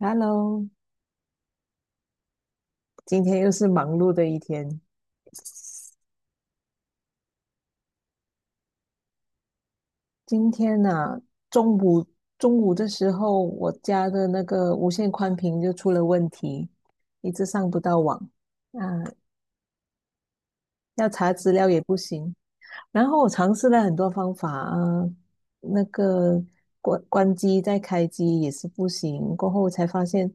Hello，今天又是忙碌的一天。今天呢、中午中午的时候，我家的那个无线宽频就出了问题，一直上不到网。啊，要查资料也不行。然后我尝试了很多方法啊，那个关机再开机也是不行。过后才发现，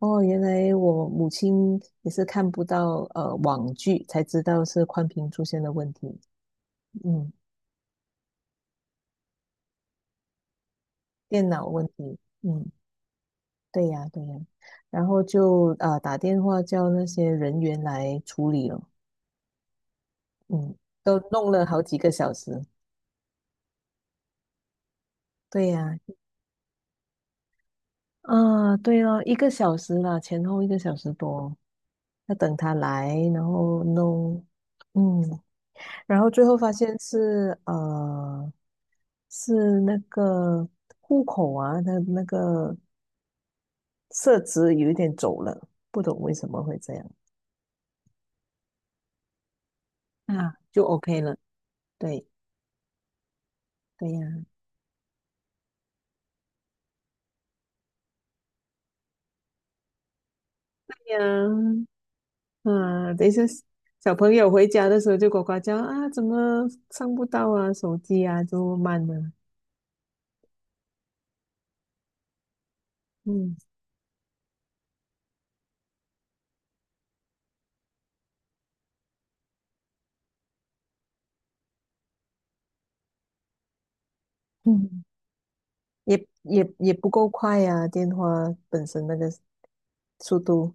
哦，原来我母亲也是看不到网剧，才知道是宽屏出现了问题。嗯。电脑问题，嗯，对呀，对呀，然后就啊、打电话叫那些人员来处理了，嗯，都弄了好几个小时，对呀，啊，对哦，一个小时啦，前后一个小时多，要等他来，然后弄，嗯，然后最后发现是那个户口啊，那个设置有一点走了，不懂为什么会这样，啊，就 OK 了，对对呀。呀，啊，等一下小朋友回家的时候就呱呱叫啊，怎么上不到啊，手机啊，就慢了，嗯嗯，也不够快呀、啊电话本身那个速度。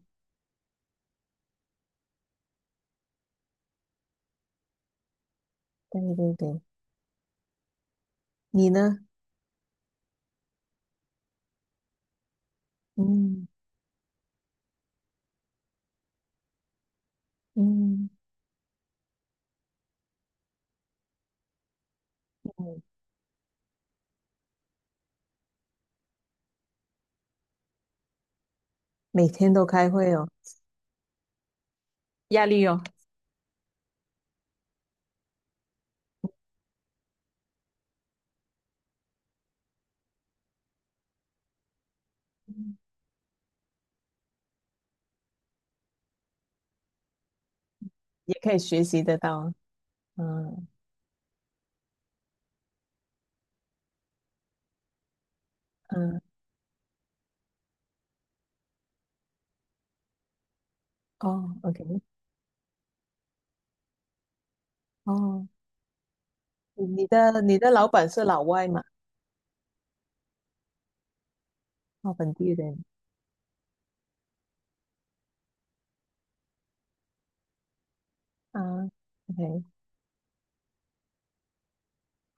对对对，你呢？嗯嗯嗯每天都开会哦，压力哦，嗯也可以学习得到啊嗯嗯，哦，OK，哦，你的老板是老外嘛？哦，本地人啊，OK，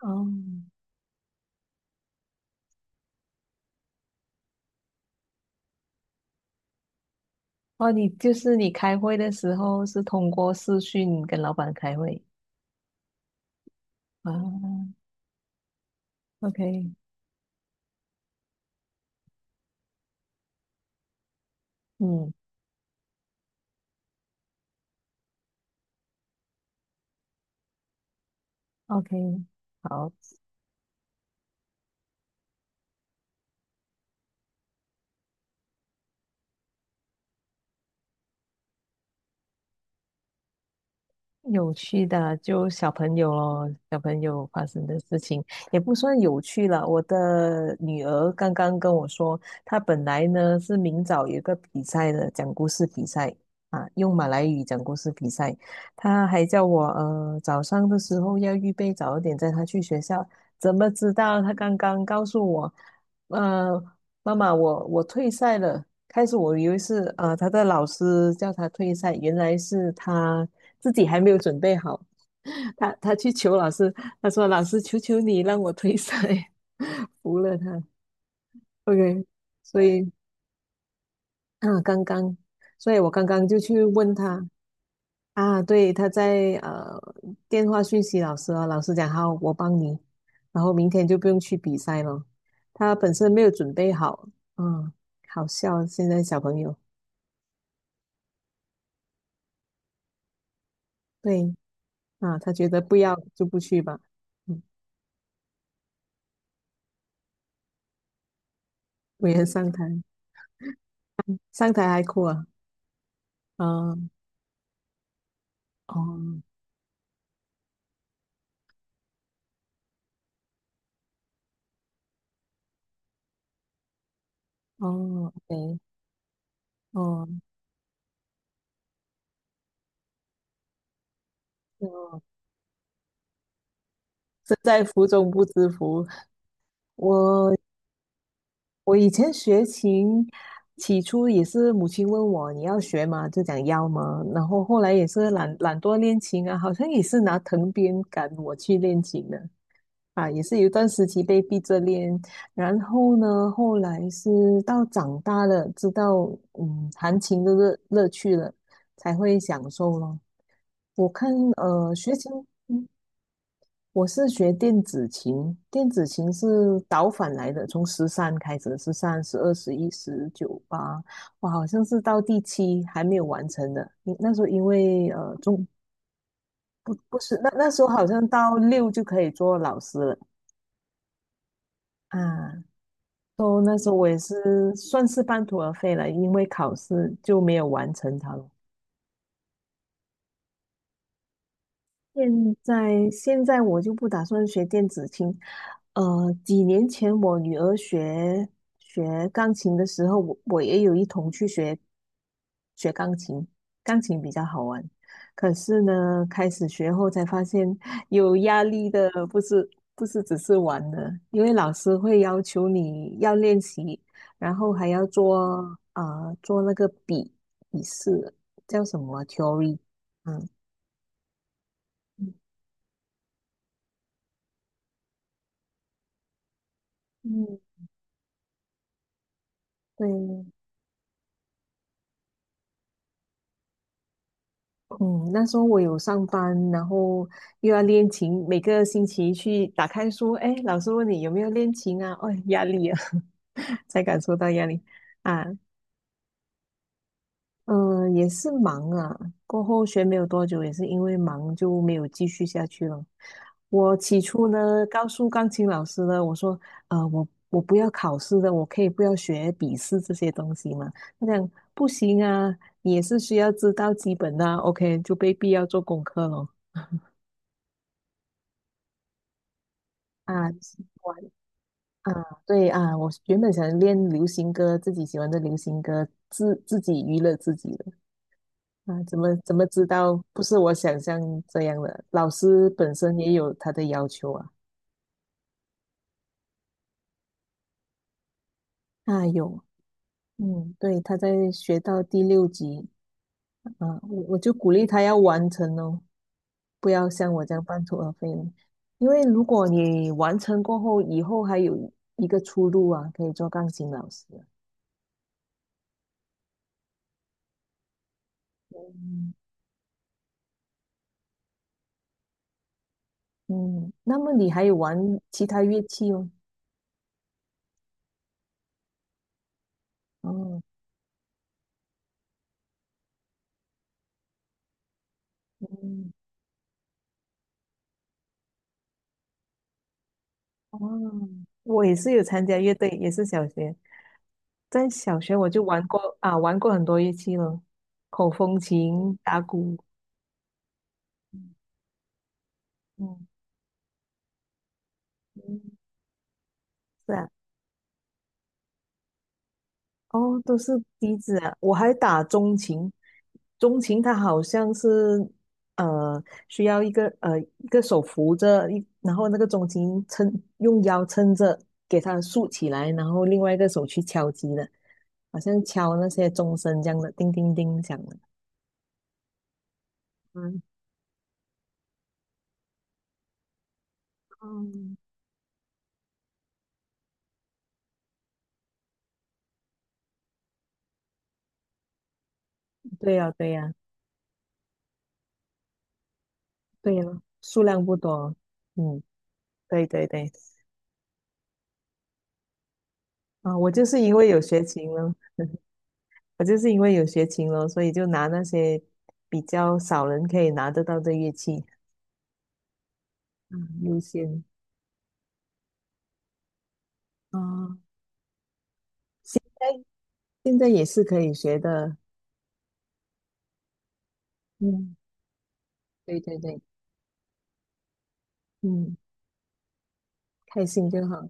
哦。哦，你就是你开会的时候是通过视讯跟老板开会啊？OK，嗯，OK，好。有趣的就小朋友咯，小朋友发生的事情也不算有趣了。我的女儿刚刚跟我说，她本来呢是明早有一个比赛的，讲故事比赛啊，用马来语讲故事比赛。她还叫我早上的时候要预备早一点，带她去学校。怎么知道？她刚刚告诉我，呃，妈妈，我退赛了。开始我以为是他的老师叫他退赛，原来是他自己还没有准备好。他去求老师，他说：“老师，求求你让我退赛。” 服了他。OK，所以啊，刚刚，所以我刚刚就去问他啊，对，他在电话讯息老师啊，老师讲好，我帮你，然后明天就不用去比赛了。他本身没有准备好，嗯，好笑，现在小朋友。对啊，他觉得不要就不去吧。嗯，我也上台，上台还哭啊。啊，哦哦对，哦，哦，身在福中不知福。我我以前学琴，起初也是母亲问我你要学吗？就讲要吗？然后后来也是懒惰练琴啊，好像也是拿藤鞭赶我去练琴的啊，也是有一段时期被逼着练。然后呢，后来是到长大了，知道嗯弹琴的乐趣了，才会享受咯。我看学琴。我是学电子琴，电子琴是倒反来的，从十三开始，十三、12、11、19、八，哇，好像是到第7还没有完成的。因那时候因为中不是那时候好像到六就可以做老师了啊。都那时候我也是算是半途而废了，因为考试就没有完成它了。现现在我就不打算学电子琴，几年前我女儿学钢琴的时候，我也有一同去学钢琴，钢琴比较好玩。可是呢，开始学后才发现有压力的，不是只是玩的，因为老师会要求你要练习，然后还要做啊、做那个笔试，叫什么啊 theory，嗯。嗯，对，嗯，那时候我有上班，然后又要练琴，每个星期去打开书，哎，老师问你有没有练琴啊？哦，压力啊，才感受到压力啊。嗯，也是忙啊。过后学没有多久，也是因为忙就没有继续下去了。我起初呢，告诉钢琴老师呢，我说，我不要考试的，我可以不要学笔试这些东西嘛。他讲不行啊，你也是需要知道基本的啊 OK，就被必要做功课咯。啊，喜欢啊，对啊，我原本想练流行歌，自己喜欢的流行歌，自己娱乐自己的。啊，怎么知道不是我想象这样的？老师本身也有他的要求啊。啊，有，嗯，对，他在学到第6级，啊，我就鼓励他要完成哦，不要像我这样半途而废了因为如果你完成过后，以后还有一个出路啊，可以做钢琴老师啊。嗯嗯，那么你还有玩其他乐器哦？哦，嗯，哦，我也是有参加乐队，也是小学。在小学我就玩过啊，玩过很多乐器了，口风琴、打鼓，嗯，嗯，是啊，哦，都是笛子啊。我还打钟琴，钟琴它好像是呃需要一个手扶着一，然后那个钟琴撑用腰撑着，给它竖起来，然后另外一个手去敲击的，好像敲那些钟声这样的，叮叮叮响的。嗯，嗯对呀，对呀，对呀，数量不多哦，嗯。对对对，啊，我就是因为有学琴了，我就是因为有学琴了，所以就拿那些比较少人可以拿得到的乐器，嗯，优先。啊。哎，现在也是可以学的，嗯，对对对，嗯，开心就好，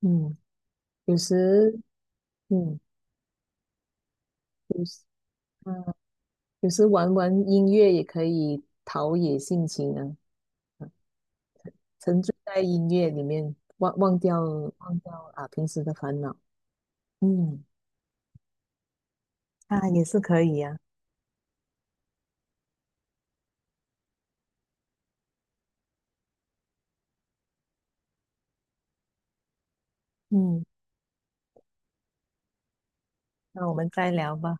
嗯，有时，嗯，有时，嗯，有时玩玩音乐也可以陶冶性情啊，啊沉醉在音乐里面，忘掉啊平时的烦恼，嗯，啊，也是可以呀、嗯。那我们再聊吧。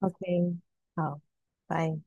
OK，好，拜。